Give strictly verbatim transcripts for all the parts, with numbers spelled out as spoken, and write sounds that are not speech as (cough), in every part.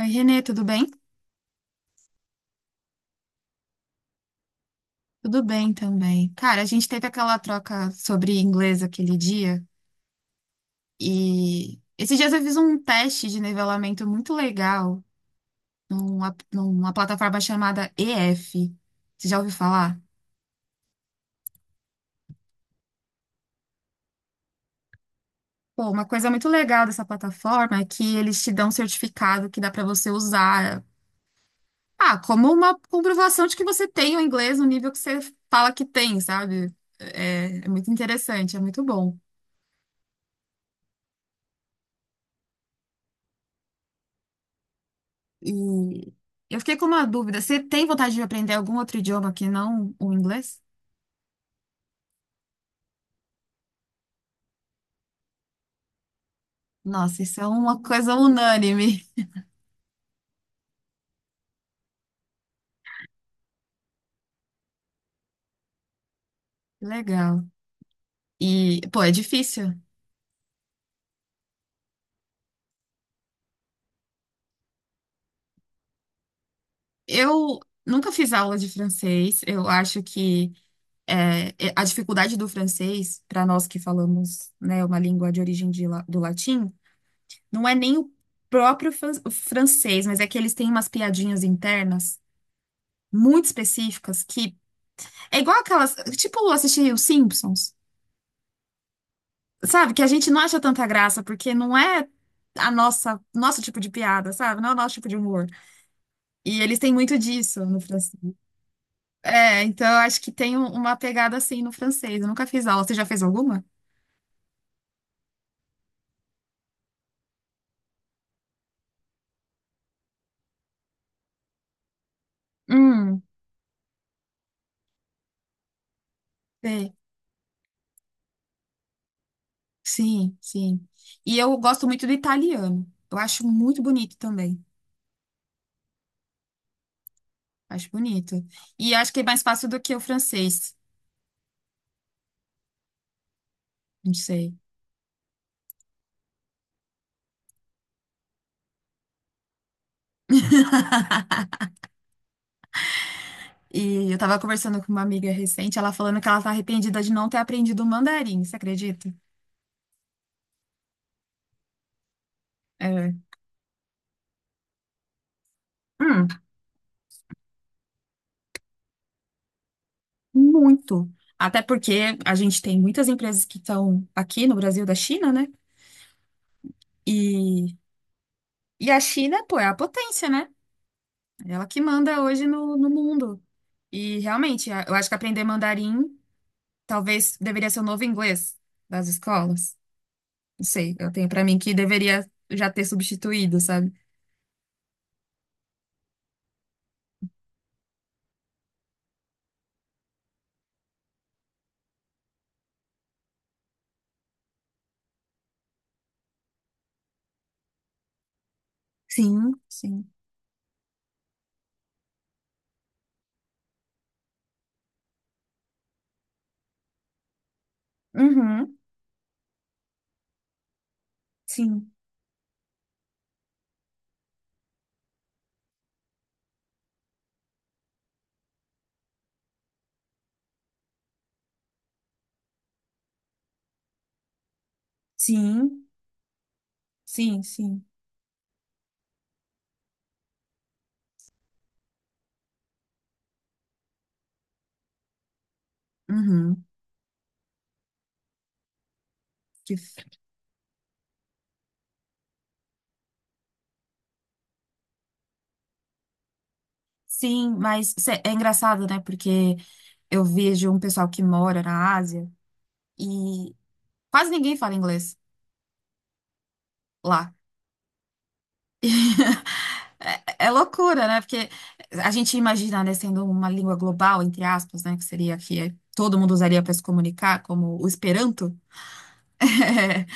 Oi, Renê, tudo bem? Tudo bem também. Cara, a gente teve aquela troca sobre inglês aquele dia e esses dias eu fiz um teste de nivelamento muito legal numa, numa plataforma chamada E F. Você já ouviu falar? Pô, uma coisa muito legal dessa plataforma é que eles te dão um certificado que dá pra você usar, ah, como uma comprovação de que você tem o inglês no nível que você fala que tem, sabe? É, é muito interessante, é muito bom. E eu fiquei com uma dúvida. Você tem vontade de aprender algum outro idioma que não o inglês? Nossa, isso é uma coisa unânime. (laughs) Que legal. E, pô, é difícil. Eu nunca fiz aula de francês. Eu acho que é, é- a dificuldade do francês, para nós que falamos, né, uma língua de origem de la- do latim, não é nem o próprio fran- o francês, mas é que eles têm umas piadinhas internas muito específicas que é igual aquelas, tipo, assistir os Simpsons. Sabe, que a gente não acha tanta graça, porque não é a nossa, nosso tipo de piada, sabe? Não é o nosso tipo de humor. E eles têm muito disso no francês. É, então eu acho que tem um- uma pegada assim no francês. Eu nunca fiz aula. Você já fez alguma? Hum, sei. Sim, sim. E eu gosto muito do italiano. Eu acho muito bonito também. Acho bonito. E acho que é mais fácil do que o francês. Não sei. (laughs) E eu tava conversando com uma amiga recente, ela falando que ela tá arrependida de não ter aprendido o mandarim, você acredita? É. Hum, Muito. Até porque a gente tem muitas empresas que estão aqui no Brasil da China, né? E, e a China, pô, é a potência, né? É ela que manda hoje no, no mundo. E realmente, a- eu acho que aprender mandarim talvez deveria ser o novo inglês das escolas. Não sei, eu tenho pra mim que deveria já ter substituído, sabe? Sim, sim. Uhum, sim, sim, sim, sim. Uhum. Que Sim, mas cê- é engraçado, né? Porque eu vejo um pessoal que mora na Ásia e quase ninguém fala inglês lá. (laughs) É, é loucura, né? Porque a gente imagina, né, sendo uma língua global, entre aspas, né? Que seria que é, todo mundo usaria para se comunicar, como o Esperanto. (laughs)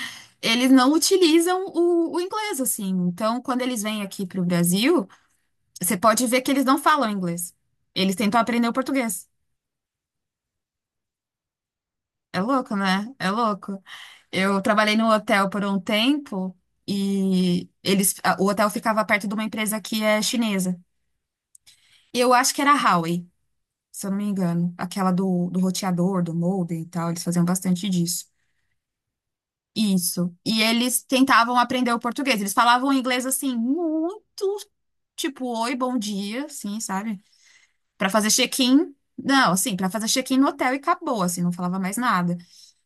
Eles não utilizam o, o inglês, assim. Então, quando eles vêm aqui para o Brasil, você pode ver que eles não falam inglês. Eles tentam aprender o português. É louco, né? É louco. Eu trabalhei no hotel por um tempo e eles, a- o hotel ficava perto de uma empresa que é chinesa. E eu acho que era a Huawei, se eu não me engano. Aquela do, do roteador, do modem e tal. Eles faziam bastante disso. Isso. E eles tentavam aprender o português. Eles falavam inglês assim, muito tipo, oi, bom dia, assim, sabe? Pra fazer check-in, não, assim, pra fazer check-in no hotel e acabou, assim, não falava mais nada.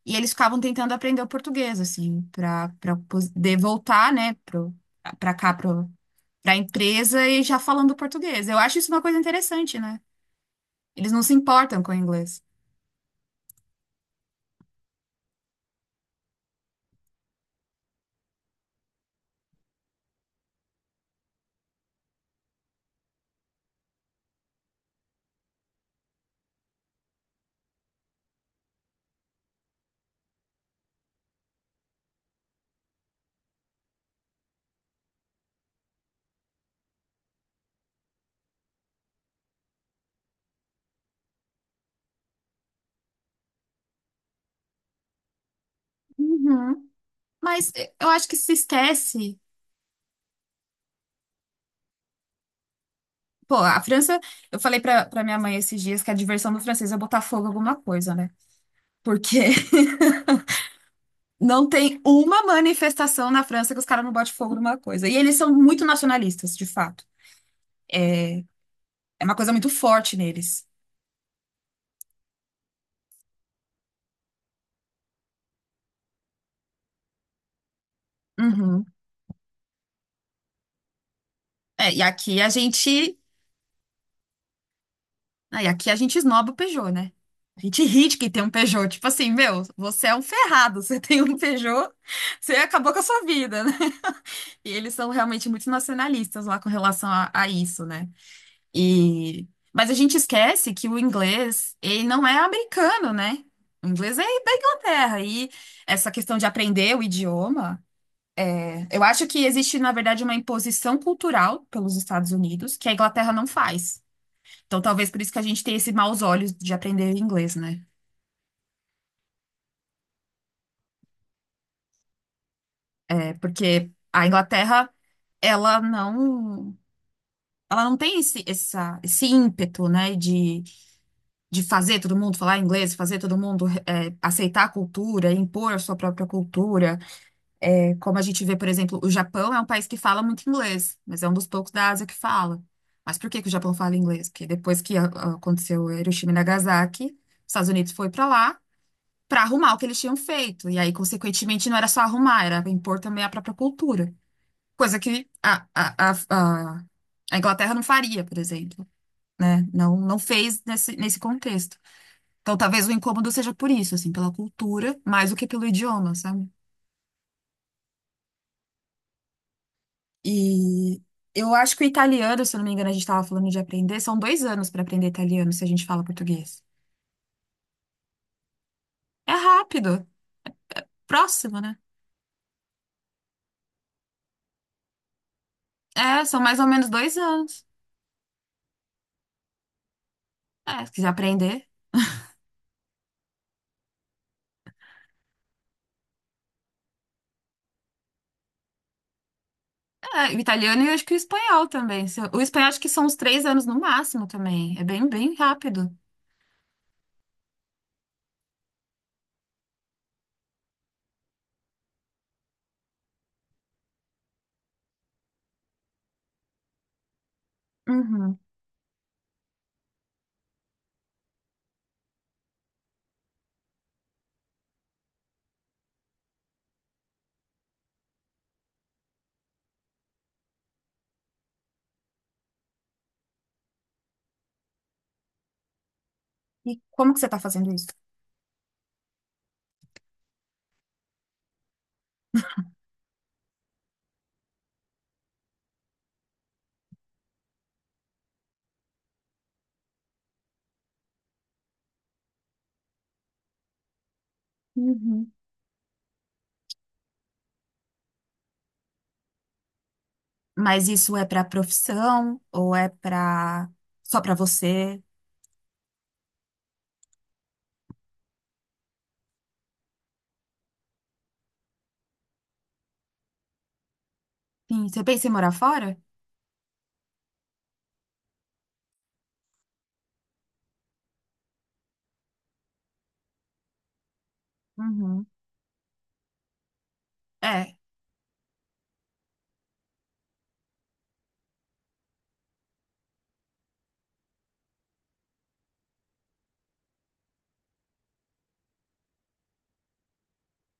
E eles ficavam tentando aprender o português, assim, pra para poder voltar, né, pro, pra cá, pro, pra empresa e já falando português. Eu acho isso uma coisa interessante, né? Eles não se importam com o inglês. Uhum. Mas eh, eu acho que se esquece. Pô, a França, eu falei pra, pra minha mãe esses dias que a diversão do francês é botar fogo em alguma coisa, né? Porque não tem uma manifestação na França que os caras não botem fogo numa coisa. E eles são muito nacionalistas, de fato. É, é uma coisa muito forte neles. Uhum. É. e aqui a gente. ah, E aqui a gente esnoba o Peugeot, né? A gente ri de quem tem um Peugeot. Tipo assim, meu, você é um ferrado. (laughs) Você tem um Peugeot, você acabou com a sua vida, né? E eles são realmente muito nacionalistas lá com relação a, a isso, né? E... Mas a gente esquece que o inglês, ele não é americano, né? O inglês é da Inglaterra. E essa questão de aprender o idioma, eu acho que existe, na verdade, uma imposição cultural pelos Estados Unidos que a Inglaterra não faz. Então, talvez por isso que a gente tem esse maus olhos de aprender inglês, né? É porque a Inglaterra, ela não, ela não tem esse, essa, esse ímpeto, né? De fazer todo mundo falar inglês, fazer todo mundo é, aceitar a cultura, impor a sua própria cultura. É, como a gente vê, por exemplo, o Japão é um país que fala muito inglês, mas é um dos poucos da Ásia que fala. Mas por que que o Japão fala inglês? Porque depois que a- a- aconteceu Hiroshima e Nagasaki, os Estados Unidos foi para lá para arrumar o que eles tinham feito. E aí, consequentemente, não era só arrumar, era impor também a própria cultura. Coisa que a, a, a, a a Inglaterra não faria, por exemplo, né? Não, não fez nesse, nesse contexto. Então, talvez o incômodo seja por isso, assim, pela cultura, mais do que pelo idioma, sabe? E eu acho que o italiano, se eu não me engano, a gente estava falando de aprender, são dois anos para aprender italiano se a gente fala português. É rápido, próximo, né? É, são mais ou menos dois anos. É, se quiser aprender. É, o italiano e eu acho que o espanhol também. Se- O espanhol acho que são uns três anos no máximo também. É bem, bem rápido. Uhum. E como que você está fazendo isso? Uhum. Mas isso é para profissão ou é para só para você? Sim, você pensa em morar fora? Uhum. É,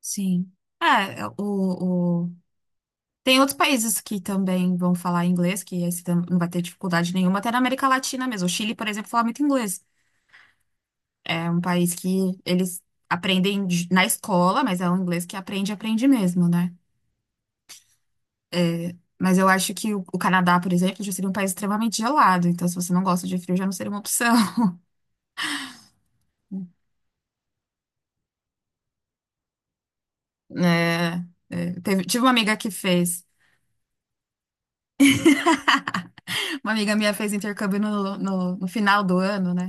sim. É, é, o, o... Tem outros países que também vão falar inglês, que aí você tam- não vai ter dificuldade nenhuma, até na América Latina mesmo. O Chile, por exemplo, fala muito inglês. É um país que eles aprendem de- na escola, mas é um inglês que aprende, aprende mesmo, né? Mas eu acho que o, o Canadá, por exemplo, já seria um país extremamente gelado, então se você não gosta de frio, já não seria uma opção. (laughs) É, é, teve- tive uma amiga que fez, uma amiga minha fez intercâmbio no, no no final do ano, né?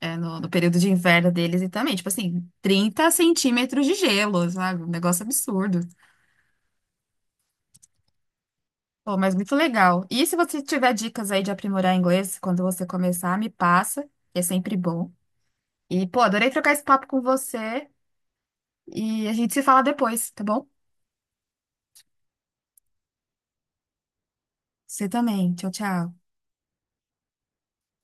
é, no, no período de inverno deles e também, tipo assim, trinta centímetros de gelo, sabe? Um negócio absurdo. Pô, mas muito legal. E se você tiver dicas aí de aprimorar inglês quando você começar, me passa, que é sempre bom. E, pô, adorei trocar esse papo com você e a gente se fala depois, tá bom? Você também. Tchau, tchau.